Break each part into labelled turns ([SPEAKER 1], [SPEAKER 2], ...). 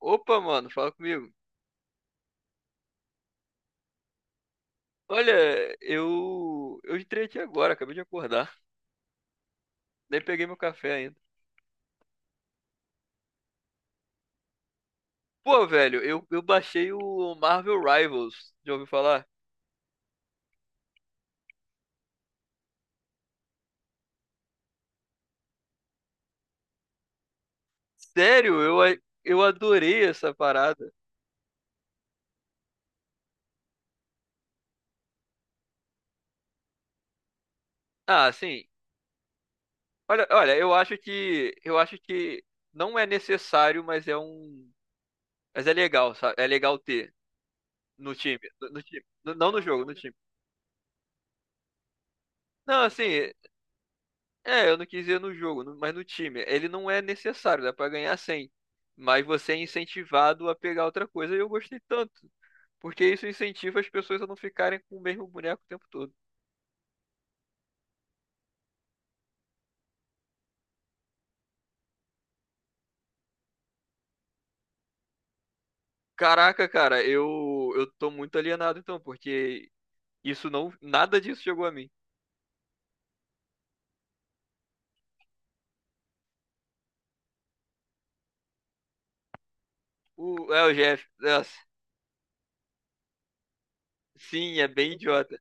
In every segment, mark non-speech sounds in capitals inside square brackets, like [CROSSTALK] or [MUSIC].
[SPEAKER 1] Opa, mano, fala comigo. Olha, eu entrei aqui agora, acabei de acordar. Nem peguei meu café ainda. Pô, velho, eu baixei o Marvel Rivals. Já ouviu falar? Sério, eu adorei essa parada. Ah, sim. Olha, olha, eu acho que não é necessário, mas é legal, sabe? É legal ter no time, no time, não no jogo, no time. Não, assim, é, eu não quis dizer no jogo, mas no time. Ele não é necessário, dá pra ganhar 100. Mas você é incentivado a pegar outra coisa. E eu gostei tanto. Porque isso incentiva as pessoas a não ficarem com o mesmo boneco o tempo todo. Caraca, cara, eu tô muito alienado então, porque isso não. Nada disso chegou a mim. O Jeff. Nossa, sim, é bem idiota.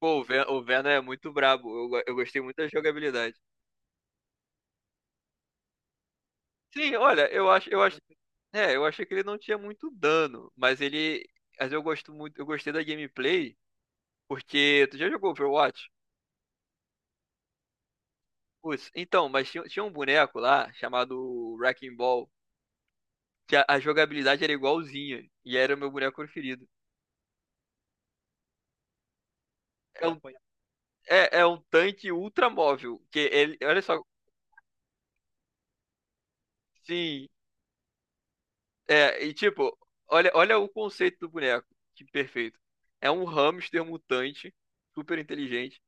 [SPEAKER 1] Pô, o Venom é muito brabo. Eu gostei muito da jogabilidade. Sim, olha, eu acho, eu achei que ele não tinha muito dano, mas ele, mas eu gosto muito, eu gostei da gameplay, porque tu já jogou Overwatch? Putz, então, mas tinha um boneco lá chamado Wrecking Ball, que a jogabilidade era igualzinha e era o meu boneco preferido. É um, é um tanque ultra móvel, que ele, olha só, sim, é, e tipo, olha, olha o conceito do boneco, que perfeito. É um hamster mutante, super inteligente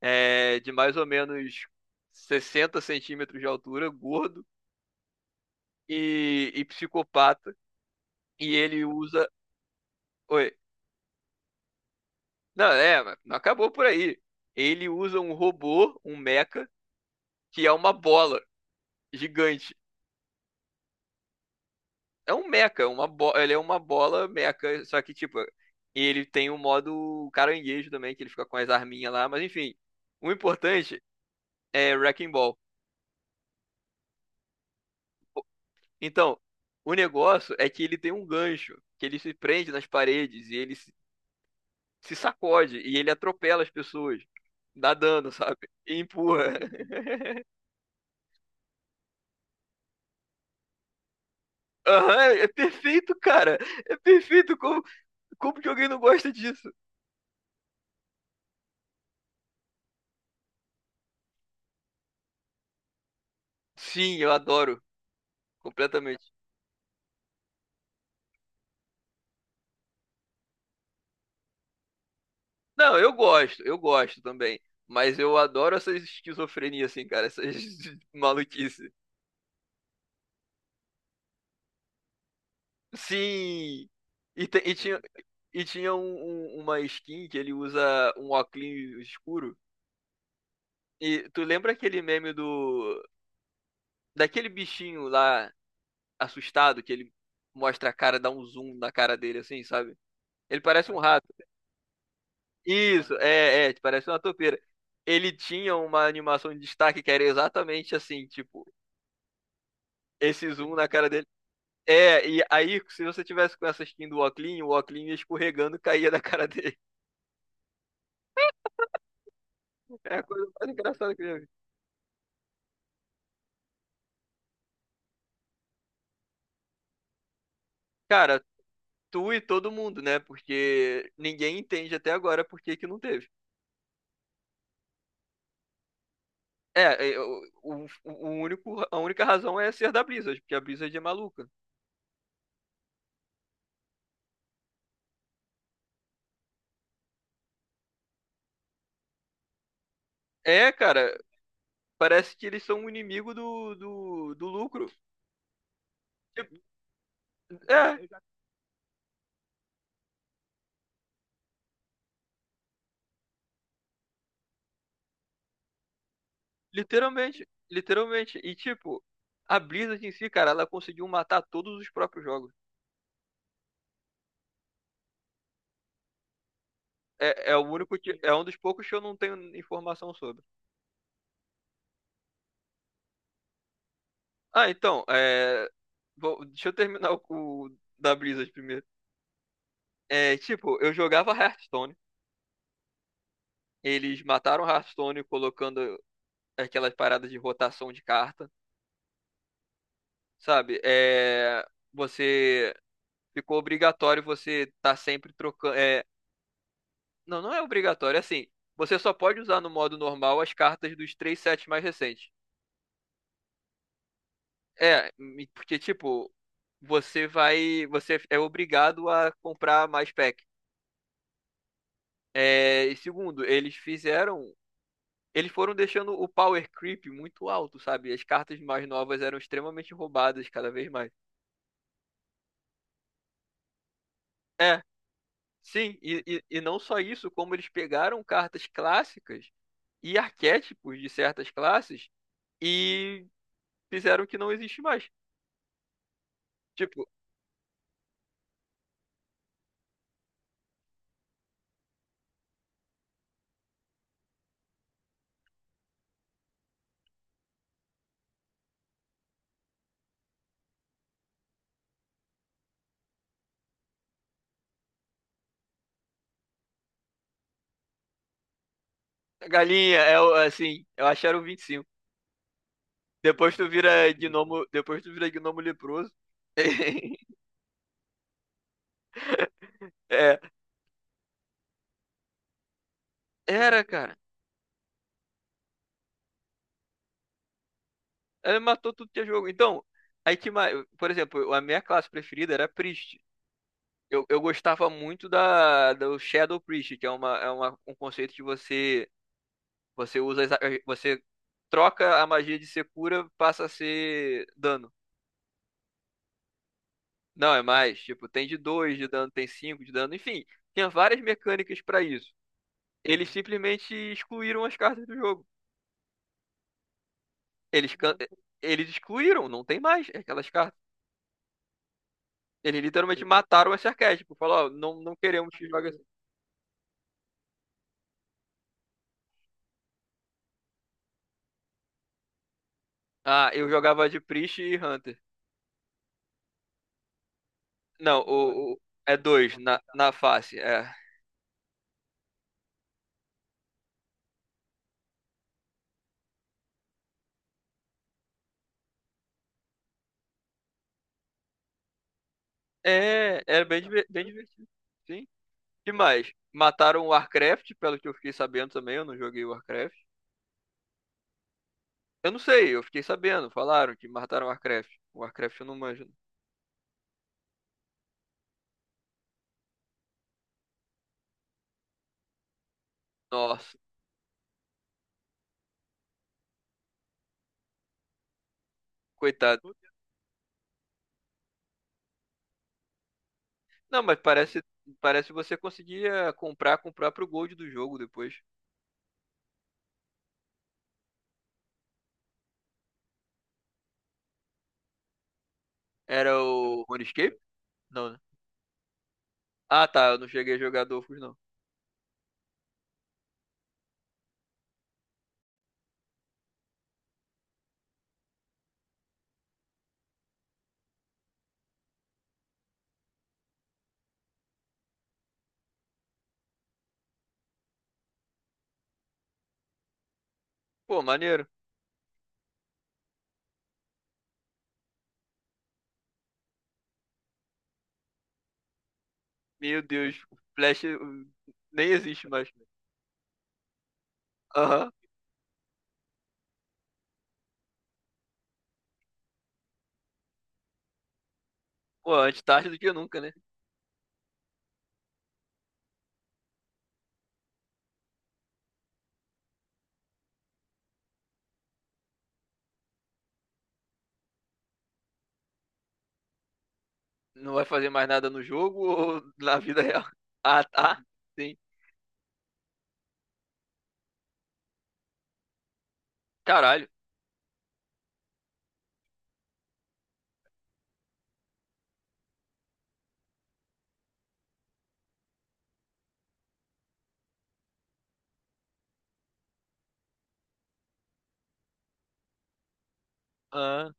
[SPEAKER 1] é, de mais ou menos 60 centímetros de altura, gordo e psicopata. E ele usa. Oi. Não, é, mas não acabou por aí. Ele usa um robô, um mecha, que é uma bola gigante. É um mecha, uma bo... ele é uma bola mecha, só que tipo. Ele tem um modo caranguejo também, que ele fica com as arminhas lá, mas enfim. O importante é Wrecking Ball. Então, o negócio é que ele tem um gancho, que ele se prende nas paredes e ele se sacode e ele atropela as pessoas. Dá dano, sabe? E empurra. [LAUGHS] Aham, é perfeito, cara. É perfeito. Como, como que alguém não gosta disso? Sim, eu adoro. Completamente. Não, eu gosto. Eu gosto também. Mas eu adoro essas esquizofrenias, assim, cara. Essas [LAUGHS] maluquices. Sim. E, te- e tinha, e tinha uma skin que ele usa um óculos escuro. E tu lembra aquele meme do... Daquele bichinho lá assustado, que ele mostra a cara, dá um zoom na cara dele, assim, sabe? Ele parece um rato. Isso, é, é, tipo, parece uma topeira. Ele tinha uma animação de destaque que era exatamente assim, tipo, esse zoom na cara dele. É, e aí, se você tivesse com essa skin do Oclean, o Oclean ia escorregando e caía da cara dele. [LAUGHS] É a coisa mais engraçada que eu já vi. Cara, tu e todo mundo, né? Porque ninguém entende até agora por que que não teve. É, é, a única razão é ser da Blizzard, porque a Blizzard é maluca. É, cara, parece que eles são um inimigo do lucro. Tipo, é, literalmente, literalmente. E tipo, a Blizzard em si, cara, ela conseguiu matar todos os próprios jogos. É, é o único que, é um dos poucos que eu não tenho informação sobre. Ah, então, é, deixa eu terminar o, da Blizzard primeiro. É, tipo, eu jogava Hearthstone. Eles mataram Hearthstone colocando aquelas paradas de rotação de carta, sabe? É, você ficou obrigatório você estar sempre trocando. É, não, não é obrigatório. É assim, você só pode usar no modo normal as cartas dos três sets mais recentes. É, porque, tipo, você vai. Você é obrigado a comprar mais pack. É, e segundo, eles fizeram. Eles foram deixando o power creep muito alto, sabe? As cartas mais novas eram extremamente roubadas cada vez mais. É, sim, e não só isso, como eles pegaram cartas clássicas e arquétipos de certas classes e fizeram que não existe mais. Tipo, a galinha é assim, eu acho era o 25. Depois tu vira gnomo, depois tu vira gnomo leproso. [LAUGHS] É, era, cara. Ela matou tudo que é jogo. Então, aí que mais, por exemplo, a minha classe preferida era Priest. Eu gostava muito da do Shadow Priest, que é uma um conceito que você usa exa- você troca a magia de ser cura, passa a ser dano. Não, é mais, tipo, tem de 2 de dano, tem 5 de dano, enfim, tinha várias mecânicas pra isso. Eles simplesmente excluíram as cartas do jogo. Eles, can- eles excluíram, não tem mais aquelas cartas. Eles literalmente mataram esse arquétipo. Falou, ó, não, não queremos que jogue assim. Ah, eu jogava de Priest e Hunter. Não, é dois na face. É, bem, bem divertido. Sim. E mais? Mataram o Warcraft, pelo que eu fiquei sabendo também, eu não joguei o Warcraft. Eu não sei, eu fiquei sabendo, falaram que mataram o Warcraft. O Warcraft eu não manjo. Nossa, coitado. Não, mas parece, parece que você conseguia comprar com o próprio Gold do jogo depois. Era o RuneScape? Não, né? Ah, tá, eu não cheguei a jogar Dofus, não. Pô, maneiro. Meu Deus, [LAUGHS] Flash nem existe mais. Aham. Pô, antes tarde do que nunca, né? Não vai fazer mais nada no jogo ou [LAUGHS] na vida real? Ah, tá. Sim. Caralho. Ah,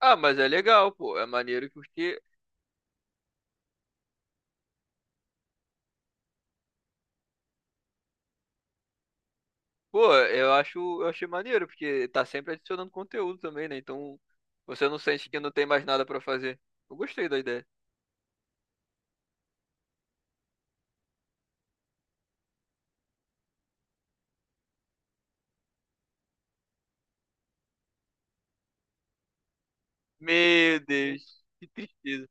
[SPEAKER 1] ah, mas é legal, pô. É maneiro porque Pô, eu acho, eu achei maneiro, porque tá sempre adicionando conteúdo também, né? Então você não sente que não tem mais nada pra fazer. Eu gostei da ideia. Meu Deus, que tristeza.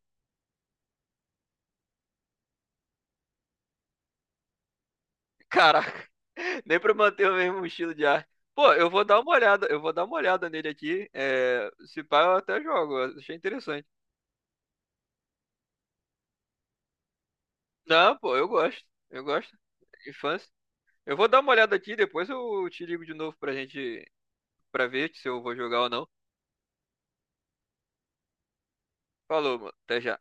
[SPEAKER 1] Caraca, [LAUGHS] nem pra manter o mesmo estilo de arte. Pô, eu vou dar uma olhada, eu vou dar uma olhada nele aqui. É, se pá, eu até jogo, eu achei interessante. Não, pô, eu gosto, eu gosto. Infância. Eu vou dar uma olhada aqui, depois eu te ligo de novo pra gente, pra ver se eu vou jogar ou não. Falou, mano, até já.